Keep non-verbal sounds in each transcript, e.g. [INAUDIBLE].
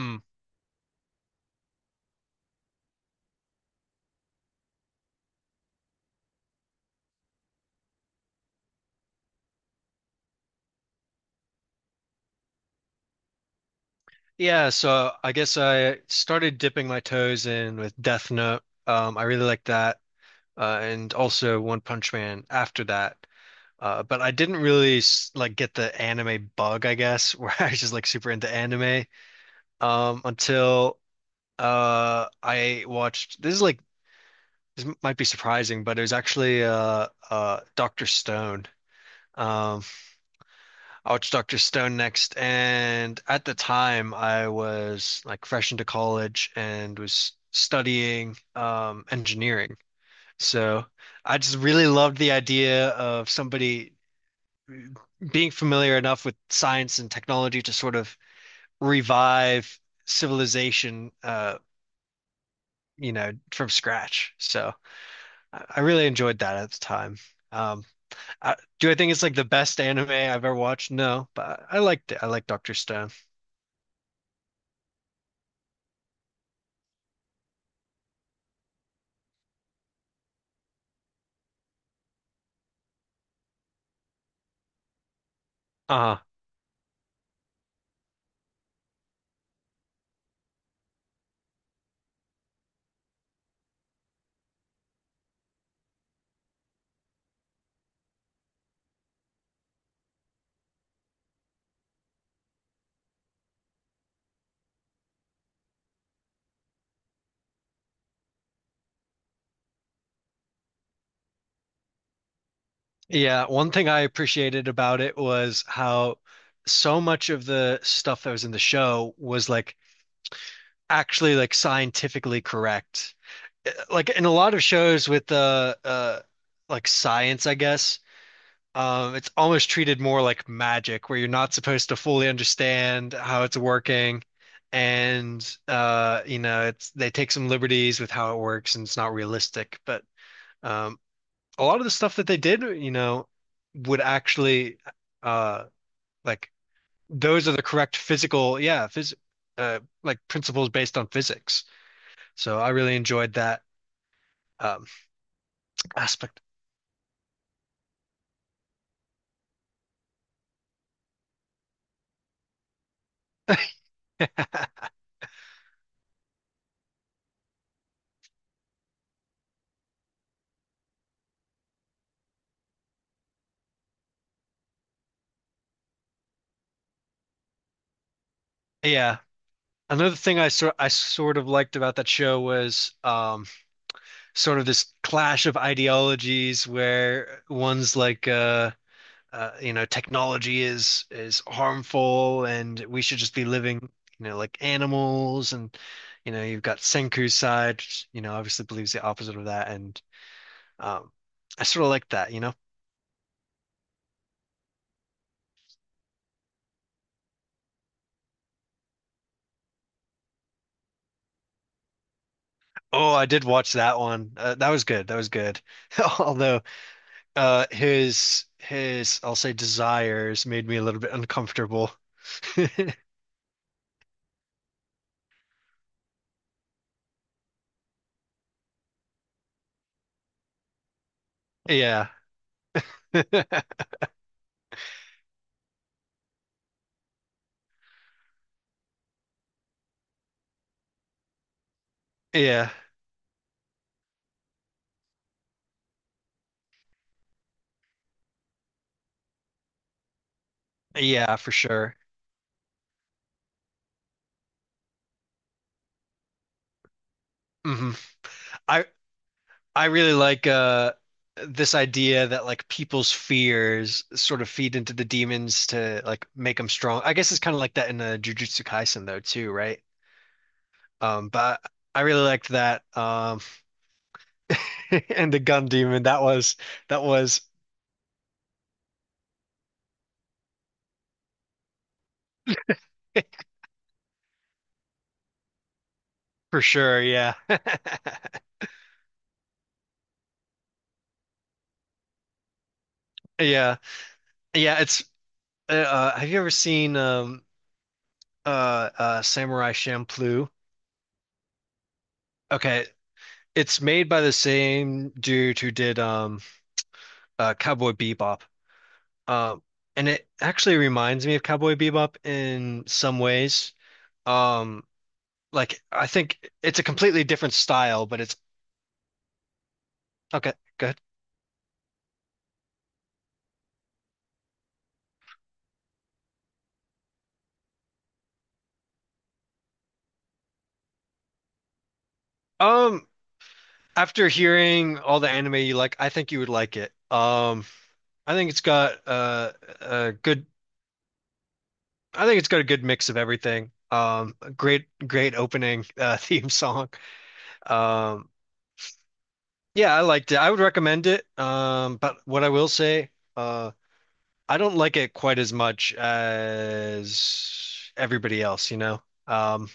Mm. Yeah, so I guess I started dipping my toes in with Death Note. I really liked that, and also One Punch Man after that. But I didn't really like get the anime bug, I guess, [LAUGHS] where I was just like super into anime until I watched. This is like this might be surprising, but it was actually Doctor Stone. Um, I watched Dr. Stone next, and at the time I was like fresh into college and was studying engineering. So I just really loved the idea of somebody being familiar enough with science and technology to sort of revive civilization, you know, from scratch. So I really enjoyed that at the time. Um, do I think it's like the best anime I've ever watched? No, but I liked it. I like Dr. Stone. uh Yeah, one thing I appreciated about it was how so much of the stuff that was in the show was like actually like scientifically correct. Like in a lot of shows with the like science, I guess, it's almost treated more like magic where you're not supposed to fully understand how it's working, and you know, it's they take some liberties with how it works and it's not realistic, but um a lot of the stuff that they did, you know, would actually uh like those are the correct physical, yeah, phys like principles based on physics. So I really enjoyed that um aspect. [LAUGHS] Yeah. Another thing I sort of liked about that show was sort of this clash of ideologies where one's like you know, technology is harmful and we should just be living, you know, like animals, and you know, you've got Senku's side, which, you know, obviously believes the opposite of that. And um I sort of like that, you know. Oh, I did watch that one. That was good. That was good. [LAUGHS] Although his I'll say desires made me a little bit uncomfortable. [LAUGHS] Yeah. [LAUGHS] Yeah. Yeah, for sure. Hmm. I I really like this idea that like people's fears sort of feed into the demons to like make them strong. I guess it's kind of like that in Jujutsu Kaisen though too, right? But I really liked that. [LAUGHS] And the gun demon, that was [LAUGHS] for sure. Yeah, [LAUGHS] yeah, yeah. It's have you ever seen Samurai Champloo? Okay, it's made by the same dude who did Cowboy Bebop. Uh, and it actually reminds me of Cowboy Bebop in some ways. Um, like I think it's a completely different style, but it's okay, good. Um, after hearing all the anime you like, I think you would like it. I think it's got a good I think it's got a good mix of everything. A great opening [LAUGHS] theme song. Um, yeah, I liked it. I would recommend it. But what I will say, uh. I don't like it quite as much as everybody else, you know. Um,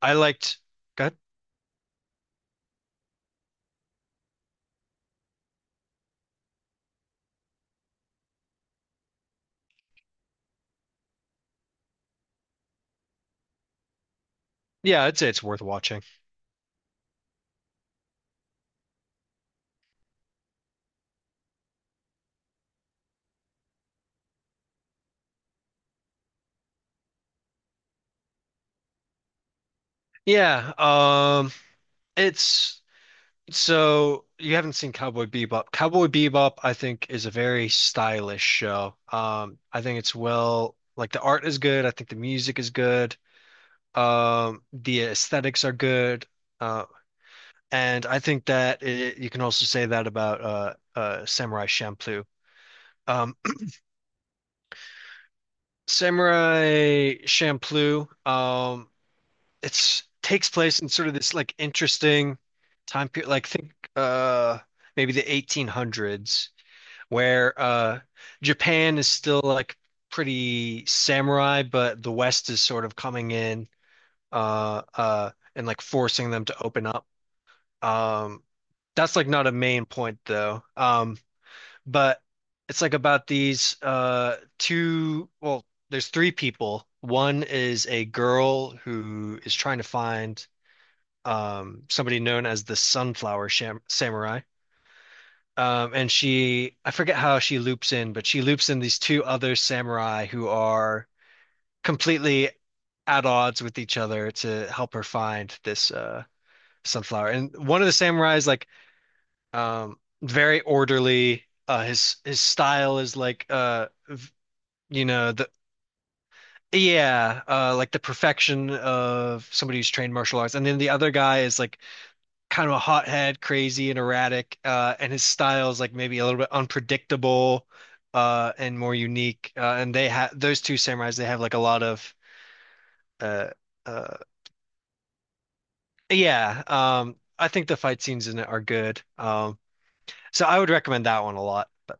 I liked, God, yeah, I'd say it's worth watching. Yeah, it's so you haven't seen Cowboy Bebop. Cowboy Bebop, I think, is a very stylish show. I think it's well, like the art is good. I think the music is good. The aesthetics are good. Uh, and I think that it, you can also say that about Samurai Champloo. Um, Samurai Champloo. It's takes place in sort of this like interesting time period, like think maybe the 1800s, where Japan is still like pretty samurai, but the West is sort of coming in uh uh and like forcing them to open up. Um, that's like not a main point though. But it's like about these two, well, there's three people. One is a girl who is trying to find somebody known as the Sunflower Sham Samurai, and she, I forget how she loops in, but she loops in these two other samurai who are completely at odds with each other to help her find this sunflower. And one of the samurai is like um very orderly. His style is like you know, the yeah, like the perfection of somebody who's trained martial arts. And then the other guy is like kind of a hothead, crazy and erratic, and his style is like maybe a little bit unpredictable, and more unique. And they have those two samurais, they have like a lot of uh uh yeah. Um, I think the fight scenes in it are good. So I would recommend that one a lot, but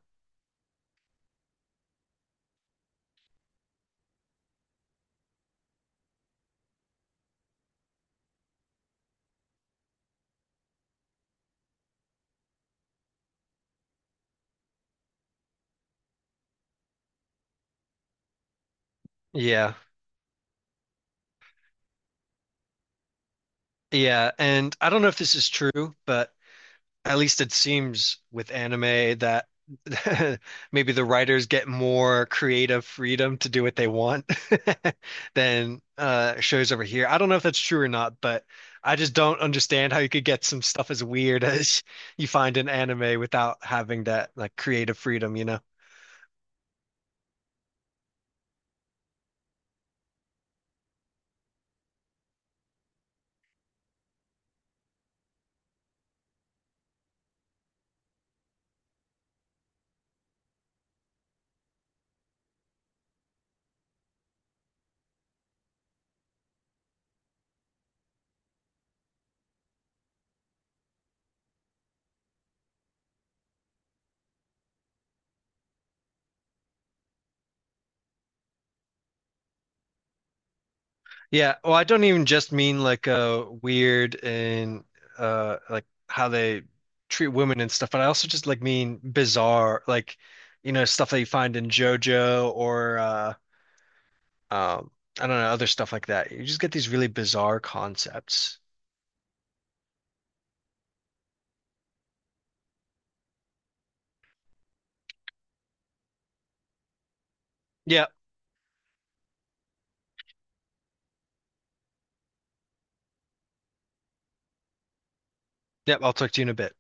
yeah, yeah. And I don't know if this is true, but at least it seems with anime that [LAUGHS] maybe the writers get more creative freedom to do what they want [LAUGHS] than shows over here. I don't know if that's true or not, but I just don't understand how you could get some stuff as weird [LAUGHS] as you find in anime without having that like creative freedom, you know? Yeah, well, I don't even just mean like weird and like how they treat women and stuff, but I also just like mean bizarre, like you know, stuff that you find in JoJo, or um I don't know, other stuff like that. You just get these really bizarre concepts. Yeah, yeah, I'll talk to you in a bit.